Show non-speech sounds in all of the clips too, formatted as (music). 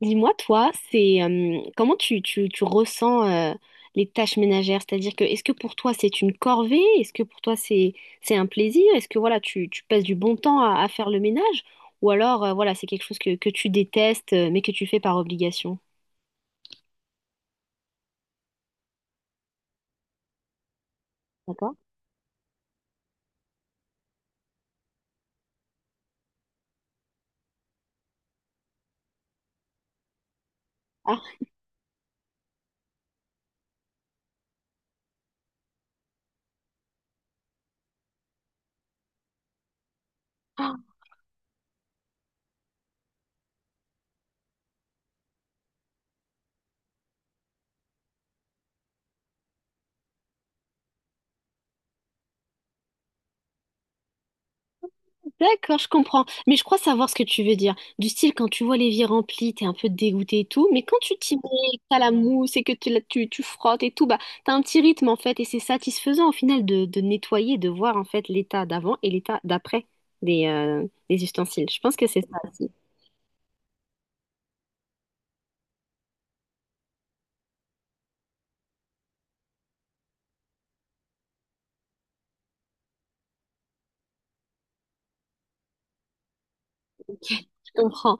Dis-moi, toi, c'est comment tu ressens les tâches ménagères? C'est-à-dire que est-ce que pour toi c'est une corvée? Est-ce que pour toi c'est un plaisir? Est-ce que voilà, tu passes du bon temps à faire le ménage? Ou alors voilà, c'est quelque chose que tu détestes mais que tu fais par obligation. D'accord? Ah. D'accord, je comprends. Mais je crois savoir ce que tu veux dire. Du style, quand tu vois l'évier rempli, t'es un peu dégoûté et tout, mais quand tu t'y mets, et que t'as la mousse et que tu frottes et tout, bah, t'as un petit rythme en fait, et c'est satisfaisant au final de nettoyer, de voir en fait l'état d'avant et l'état d'après des ustensiles. Je pense que c'est ça. Je comprends.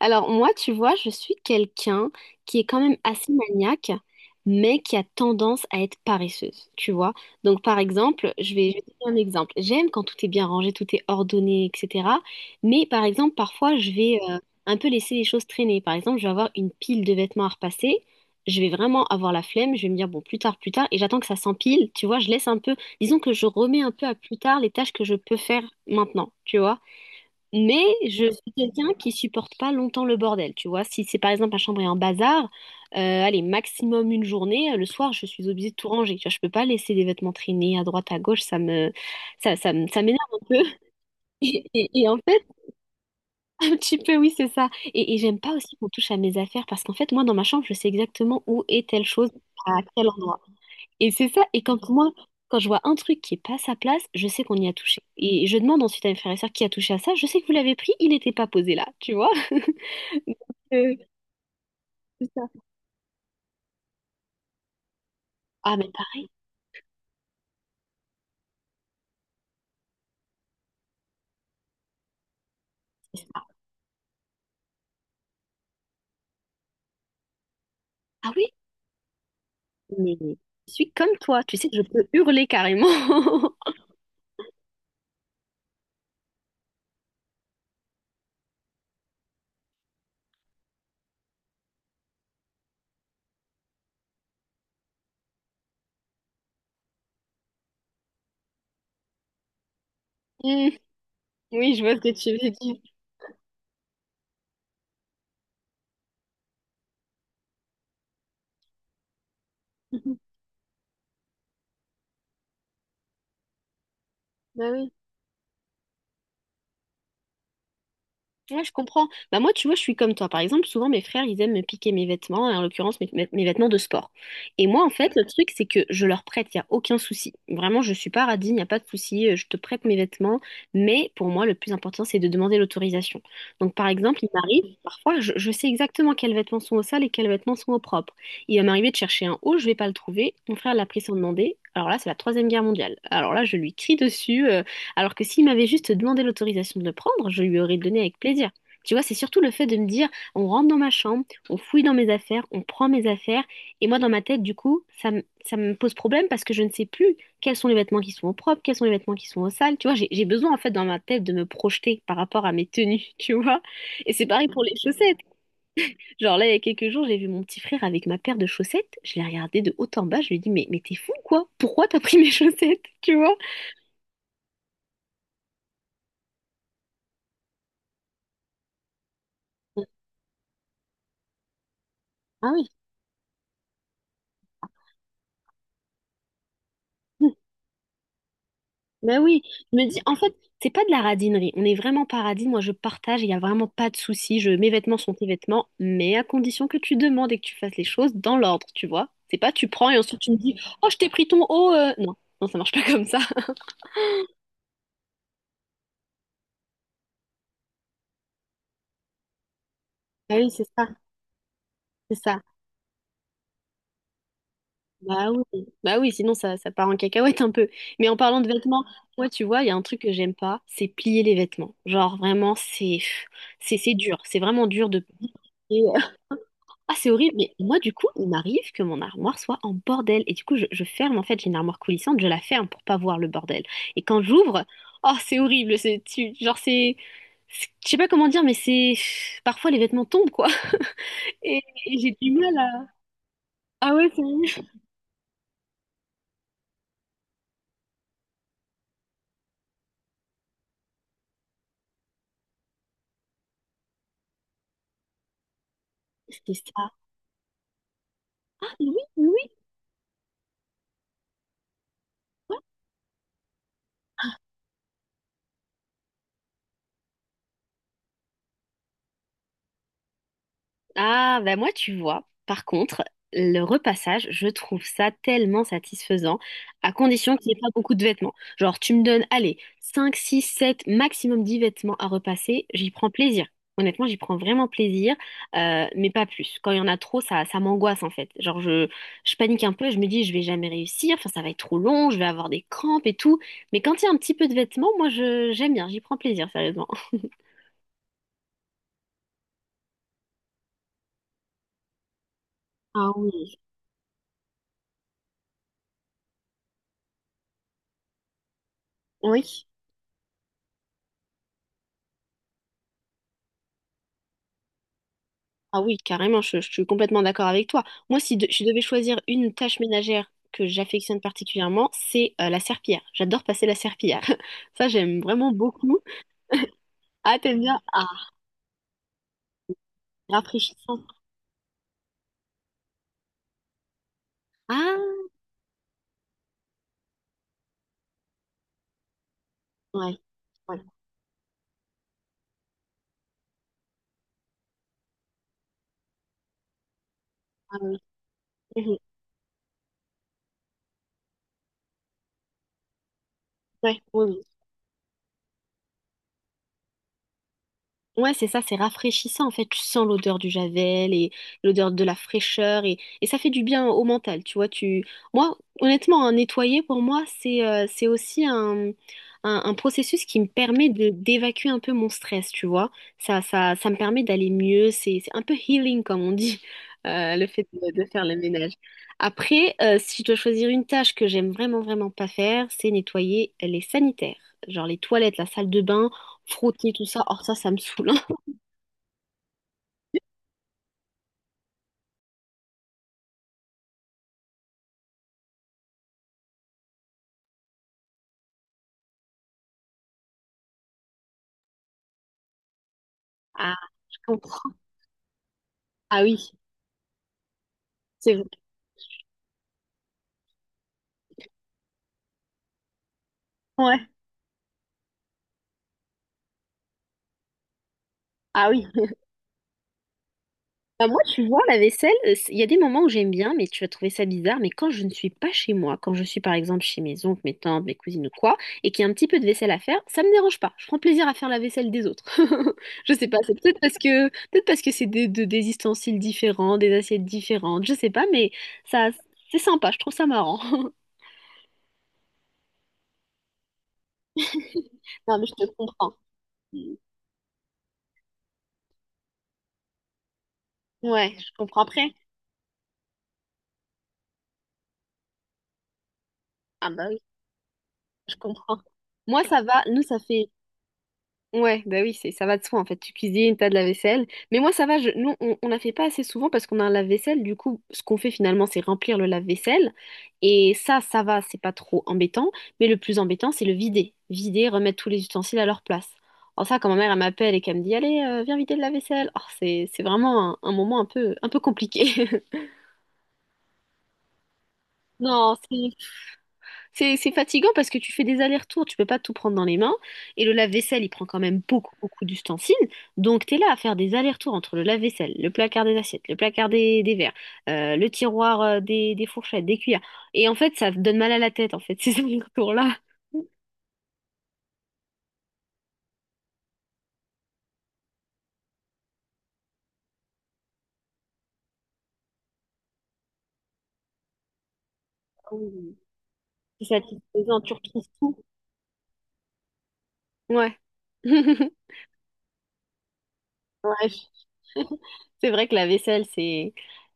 Alors moi, tu vois, je suis quelqu'un qui est quand même assez maniaque, mais qui a tendance à être paresseuse, tu vois. Donc par exemple, je vais te donner un exemple. J'aime quand tout est bien rangé, tout est ordonné, etc. Mais par exemple, parfois, je vais un peu laisser les choses traîner. Par exemple, je vais avoir une pile de vêtements à repasser. Je vais vraiment avoir la flemme, je vais me dire bon plus tard, et j'attends que ça s'empile, tu vois, je laisse un peu, disons que je remets un peu à plus tard les tâches que je peux faire maintenant, tu vois. Mais je suis quelqu'un qui supporte pas longtemps le bordel, tu vois. Si c'est par exemple ma chambre est en bazar, allez, maximum une journée, le soir je suis obligée de tout ranger. Tu vois, je peux pas laisser des vêtements traîner à droite, à gauche, ça m'énerve un peu. (laughs) Et en fait, un petit peu, oui, c'est ça. Et j'aime pas aussi qu'on touche à mes affaires parce qu'en fait, moi, dans ma chambre, je sais exactement où est telle chose, à quel endroit. Et c'est ça. Et quand moi, quand je vois un truc qui est pas à sa place, je sais qu'on y a touché. Et je demande ensuite à mes frères et sœurs qui a touché à ça. Je sais que vous l'avez pris, il n'était pas posé là, tu vois. (laughs) Euh, c'est ça. Ah, mais pareil, c'est ça. Ah oui, mais je suis comme toi. Tu sais que je peux hurler carrément. (laughs) Hmm, oui, je vois ce que tu veux dire. (laughs) Bah oui, ouais, je comprends. Bah moi, tu vois, je suis comme toi. Par exemple, souvent, mes frères, ils aiment me piquer mes vêtements, en l'occurrence, mes vêtements de sport. Et moi, en fait, le truc, c'est que je leur prête, il n'y a aucun souci. Vraiment, je suis pas radine, il n'y a pas de souci, je te prête mes vêtements. Mais pour moi, le plus important, c'est de demander l'autorisation. Donc, par exemple, il m'arrive, parfois, je sais exactement quels vêtements sont au sale et quels vêtements sont au propre. Il va m'arriver de chercher un haut, je vais pas le trouver. Mon frère l'a pris sans demander. Alors là, c'est la Troisième Guerre mondiale. Alors là, je lui crie dessus. Alors que s'il m'avait juste demandé l'autorisation de le prendre, je lui aurais donné avec plaisir. Tu vois, c'est surtout le fait de me dire, on rentre dans ma chambre, on fouille dans mes affaires, on prend mes affaires, et moi dans ma tête, du coup, ça me pose problème parce que je ne sais plus quels sont les vêtements qui sont au propre, quels sont les vêtements qui sont au sale. Tu vois, j'ai besoin en fait dans ma tête de me projeter par rapport à mes tenues, (laughs) tu vois. Et c'est pareil pour les chaussettes. Genre là, il y a quelques jours, j'ai vu mon petit frère avec ma paire de chaussettes, je l'ai regardé de haut en bas, je lui ai dit, mais t'es fou quoi? Pourquoi t'as pris mes chaussettes? Tu vois? Ah oui. Ben oui, je me dis, en fait, c'est pas de la radinerie. On est vraiment pas radine. Moi, je partage, il n'y a vraiment pas de souci. Je, mes vêtements sont tes vêtements, mais à condition que tu demandes et que tu fasses les choses dans l'ordre, tu vois. C'est pas tu prends et ensuite tu me dis, oh, je t'ai pris ton haut. Non, non, ça marche pas comme ça. (laughs) Ah oui, c'est ça, c'est ça. Bah oui, sinon ça part en cacahuète un peu. Mais en parlant de vêtements, moi, tu vois, il y a un truc que j'aime pas, c'est plier les vêtements. Genre, vraiment, c'est dur. C'est vraiment dur de plier. Ah, c'est horrible, mais moi, du coup, il m'arrive que mon armoire soit en bordel. Et du coup, je ferme, en fait, j'ai une armoire coulissante, je la ferme pour pas voir le bordel. Et quand j'ouvre, oh, c'est horrible, c'est, tu- genre, c'est- je sais pas comment dire, mais c'est, parfois, les vêtements tombent, quoi. (laughs) Et, et j'ai du mal à... Ah ouais, c'est... C'est ça. Oui, oui, ah, bah moi, tu vois, par contre, le repassage, je trouve ça tellement satisfaisant, à condition qu'il n'y ait pas beaucoup de vêtements. Genre, tu me donnes, allez, 5, 6, 7, maximum 10 vêtements à repasser, j'y prends plaisir. Honnêtement, j'y prends vraiment plaisir, mais pas plus. Quand il y en a trop, ça m'angoisse en fait. Genre, je panique un peu, je me dis, je vais jamais réussir, enfin, ça va être trop long, je vais avoir des crampes et tout. Mais quand il y a un petit peu de vêtements, moi, je, j'aime bien, j'y prends plaisir, sérieusement. Ah oui. Oui. Ah oui, carrément, je suis complètement d'accord avec toi. Moi, si je devais choisir une tâche ménagère que j'affectionne particulièrement, c'est la serpillière. J'adore passer la serpillière. (laughs) Ça, j'aime vraiment beaucoup. Ah, t'aimes bien? Ah, rafraîchissant. Ah, ouais, ouais. Ah oui. Mhm. Ouais, oui, oui. Ouais, c'est ça, c'est rafraîchissant en fait. Tu sens l'odeur du javel et l'odeur de la fraîcheur et ça fait du bien au mental, tu vois. Tu... Moi, honnêtement, un nettoyer pour moi, c'est aussi un, un processus qui me permet de d'évacuer un peu mon stress, tu vois. Ça me permet d'aller mieux. C'est un peu healing, comme on dit, (laughs) le fait de faire le ménage. Après, si je dois choisir une tâche que j'aime vraiment, vraiment pas faire, c'est nettoyer les sanitaires. Genre les toilettes, la salle de bain, frotter tout ça. Or, ça me saoule. Ah, je comprends. Ah oui, c'est vrai. Ouais. Ah oui. Bah, moi, tu vois, la vaisselle, c'est- il y a des moments où j'aime bien, mais tu vas trouver ça bizarre. Mais quand je ne suis pas chez moi, quand je suis par exemple chez mes oncles, mes tantes, mes cousines ou quoi, et qu'il y a un petit peu de vaisselle à faire, ça me dérange pas. Je prends plaisir à faire la vaisselle des autres. (laughs) Je sais pas, c'est peut-être parce que c'est des ustensiles différents, des assiettes différentes, je sais pas, mais ça, c'est sympa, je trouve ça marrant. (laughs) Non, mais je te comprends. Ouais, je comprends après. Ah bah oui, je comprends. Moi, ça va. Nous, ça fait ouais, bah oui, c'est ça va de soi en fait. Tu cuisines, t'as de la vaisselle. Mais moi ça va, je... nous on la fait pas assez souvent parce qu'on a un lave-vaisselle. Du coup, ce qu'on fait finalement, c'est remplir le lave-vaisselle. Et ça va, c'est pas trop embêtant. Mais le plus embêtant, c'est le vider. Vider, remettre tous les ustensiles à leur place. Alors ça, quand ma mère elle m'appelle et qu'elle me dit, allez, viens vider le lave-vaisselle. Oh, c'est vraiment un moment un peu compliqué. (laughs) Non, c'est fatigant parce que tu fais des allers-retours, tu peux pas tout prendre dans les mains. Et le lave-vaisselle, il prend quand même beaucoup, beaucoup d'ustensiles. Donc, tu es là à faire des allers-retours entre le lave-vaisselle, le placard des assiettes, le placard des verres, le tiroir des fourchettes, des cuillères. Et en fait, ça te donne mal à la tête, en fait, (laughs) ces allers-retours-là. Ah oui. C'est satisfaisant, tu retrouves tout. Ouais. (laughs) Ouais, c'est vrai que la vaisselle, c'est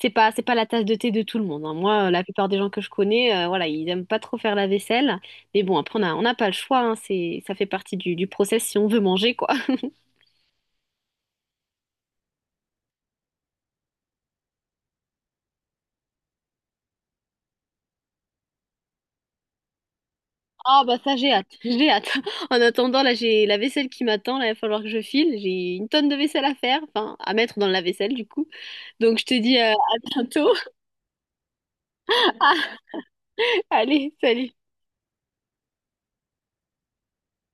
c'est pas c'est pas la tasse de thé de tout le monde, hein. Moi, la plupart des gens que je connais, voilà, ils aiment pas trop faire la vaisselle. Mais bon, après, on n'a pas le choix, hein. C'est ça fait partie du process si on veut manger, quoi. (laughs) Ah bah ça, j'ai hâte, j'ai hâte. (laughs) En attendant, là, j'ai la vaisselle qui m'attend. Là, il va falloir que je file. J'ai une tonne de vaisselle à faire, enfin à mettre dans la vaisselle du coup. Donc je te dis à bientôt. (laughs) Allez, salut.